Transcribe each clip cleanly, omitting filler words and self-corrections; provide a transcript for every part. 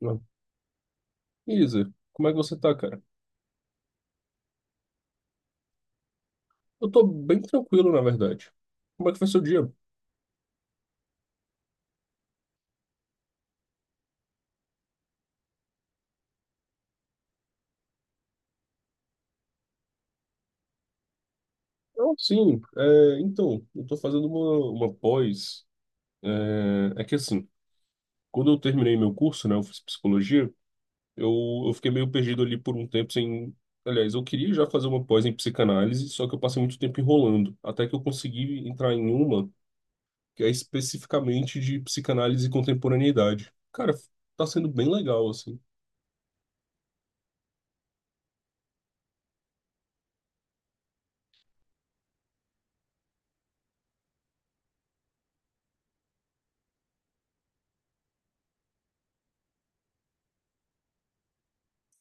Não. Isa, como é que você tá, cara? Eu tô bem tranquilo, na verdade. Como é que foi seu dia? Não, sim, é, então, eu tô fazendo uma pós. É que assim, quando eu terminei meu curso, né, eu fiz psicologia, eu fiquei meio perdido ali por um tempo sem. Aliás, eu queria já fazer uma pós em psicanálise, só que eu passei muito tempo enrolando, até que eu consegui entrar em uma que é especificamente de psicanálise e contemporaneidade. Cara, tá sendo bem legal, assim.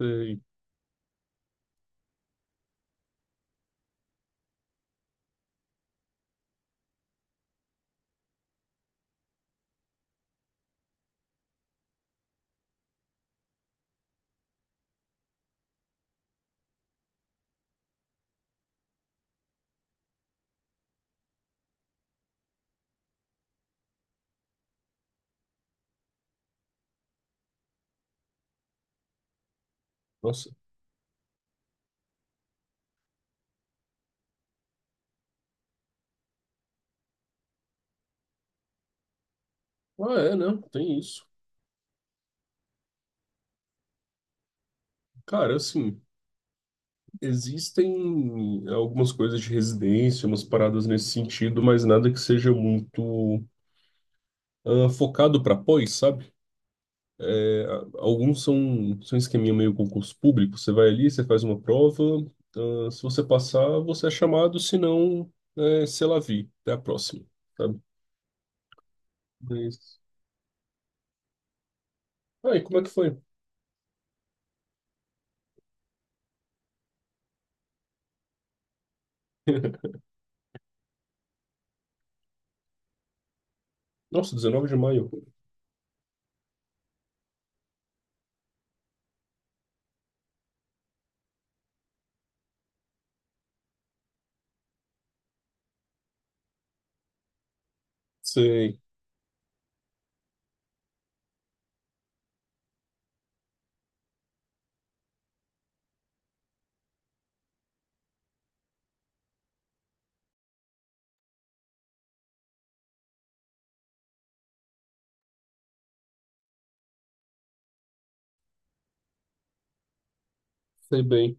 Sei. Nossa. Ah, é, né? Tem isso. Cara, assim, existem algumas coisas de residência, umas paradas nesse sentido, mas nada que seja muito focado para pós, sabe? É, alguns são esqueminha meio concurso público. Você vai ali, você faz uma prova, se você passar, você é chamado, se não, c'est la vie, até a próxima, sabe? Mas... Ah, e como é que foi? Nossa, 19 de maio. Sei, sei bem.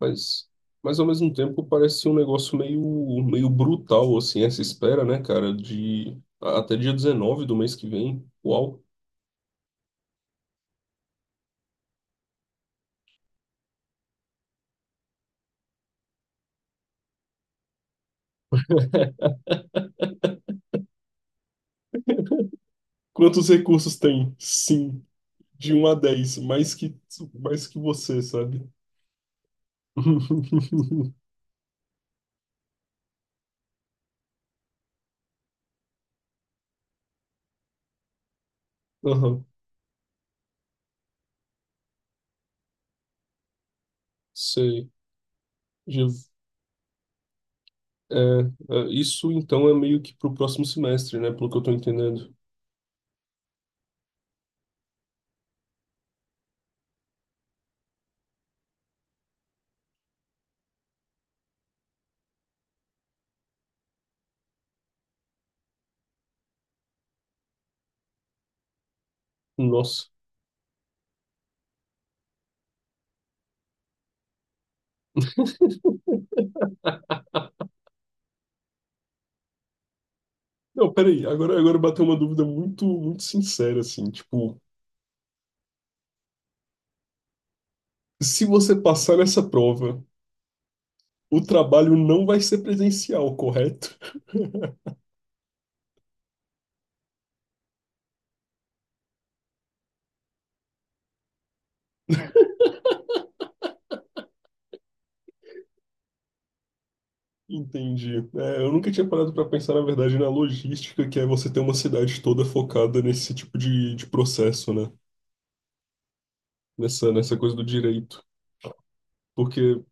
Mas, mas ao mesmo tempo parece um negócio meio brutal, assim, essa espera, né, cara, de até dia 19 do mês que vem. Uau! Quantos recursos tem? Sim, de um a 10 mais que você, sabe? Aham, sei. Já- é, isso então é meio que pro próximo semestre, né, pelo que eu tô entendendo. Nossa. Não, peraí, agora bateu uma dúvida muito, muito sincera, assim, tipo, se você passar nessa prova. O trabalho não vai ser presencial, correto? Entendi. É, eu nunca tinha parado para pensar, na verdade, na logística, que é você ter uma cidade toda focada nesse tipo de processo, né? Nessa coisa do direito. Porque,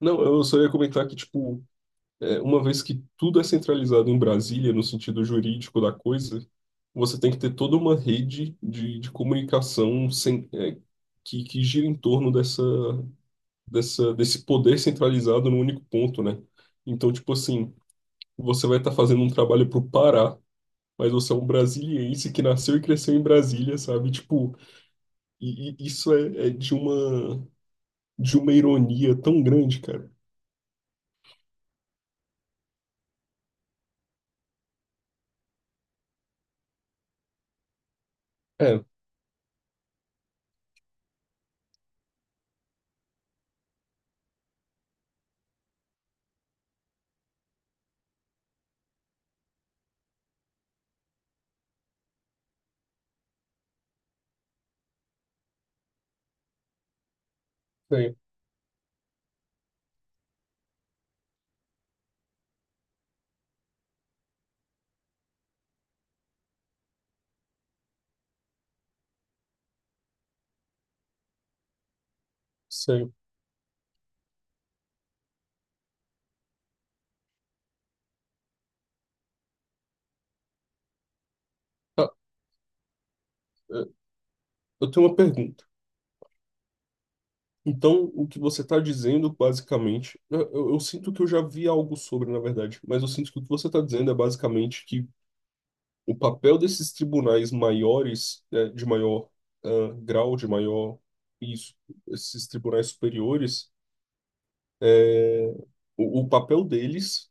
não, eu só ia comentar que, tipo, uma vez que tudo é centralizado em Brasília, no sentido jurídico da coisa, você tem que ter toda uma rede de comunicação sem, que gira em torno desse poder centralizado num único ponto, né? Então, tipo assim, você vai estar fazendo um trabalho pro Pará, mas você é um brasiliense que nasceu e cresceu em Brasília, sabe? Tipo, e isso é de uma ironia tão grande, cara. É, sei, sei. Tá, é, eu tenho uma pergunta. Então, o que você está dizendo, basicamente, eu sinto que eu já vi algo sobre, na verdade, mas eu sinto que o que você está dizendo é basicamente que o papel desses tribunais maiores, de maior, ah, grau, de maior, isso, esses tribunais superiores, o papel deles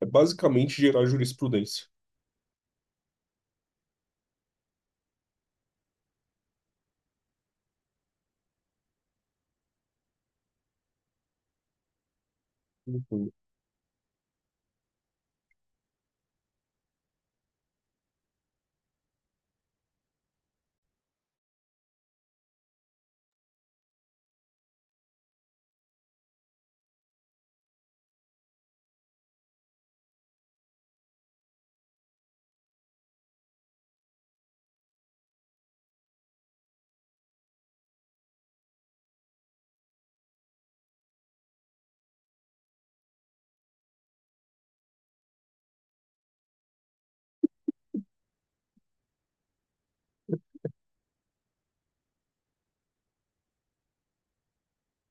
é basicamente gerar jurisprudência. Uhum.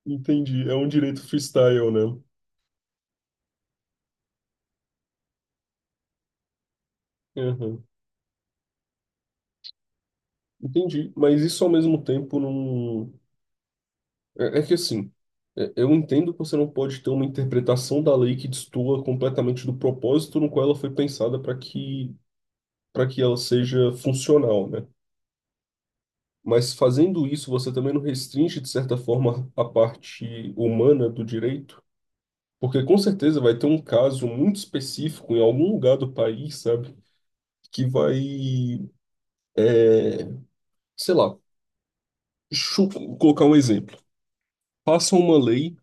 Entendi. É um direito freestyle, né? Aham. Entendi. Mas isso ao mesmo tempo não. É que assim, eu entendo que você não pode ter uma interpretação da lei que destoa completamente do propósito no qual ela foi pensada para que ela seja funcional, né? Mas fazendo isso, você também não restringe, de certa forma, a parte humana do direito? Porque com certeza vai ter um caso muito específico em algum lugar do país, sabe? Que vai, sei lá, chu- colocar um exemplo. Passa uma lei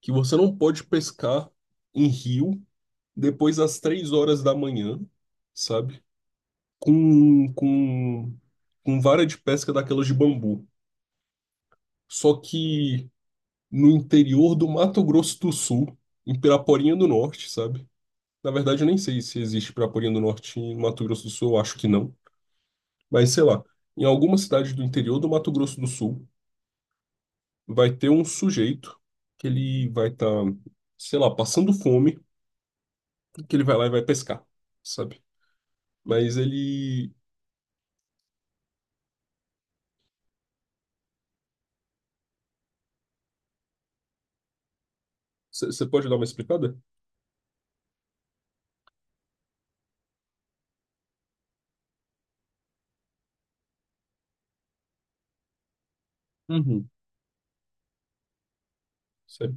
que você não pode pescar em rio depois das 3 horas da manhã, sabe? Com, com, com vara de pesca daquelas de bambu. Só que no interior do Mato Grosso do Sul, em Piraporinha do Norte, sabe? Na verdade, eu nem sei se existe Piraporinha do Norte em Mato Grosso do Sul, eu acho que não. Mas sei lá, em alguma cidade do interior do Mato Grosso do Sul, vai ter um sujeito que ele vai estar, sei lá, passando fome, que ele vai lá e vai pescar, sabe? Mas ele. Você pode dar uma explicada? Uhum. Cê-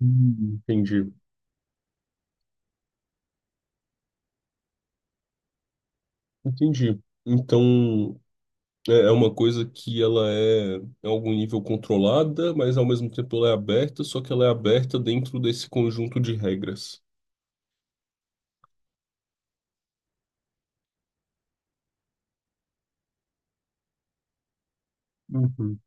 Hum. Entendi. Entendi. Então, é uma coisa que ela é, em algum nível, controlada, mas ao mesmo tempo ela é aberta, só que ela é aberta dentro desse conjunto de regras. Uhum.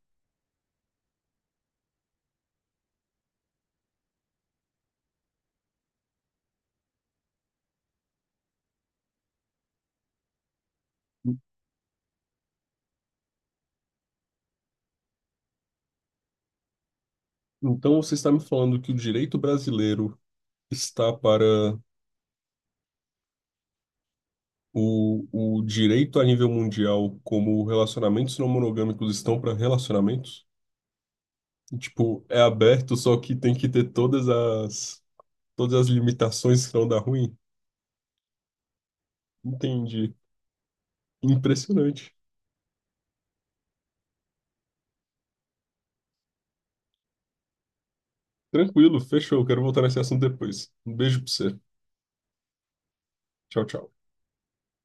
Então você está me falando que o direito brasileiro está para o, o direito a nível mundial, como relacionamentos não monogâmicos estão para relacionamentos? Tipo, é aberto, só que tem que ter todas as limitações que não dá ruim? Entendi. Impressionante. Tranquilo, fechou. Quero voltar nesse assunto depois. Um beijo pra você. Tchau, tchau.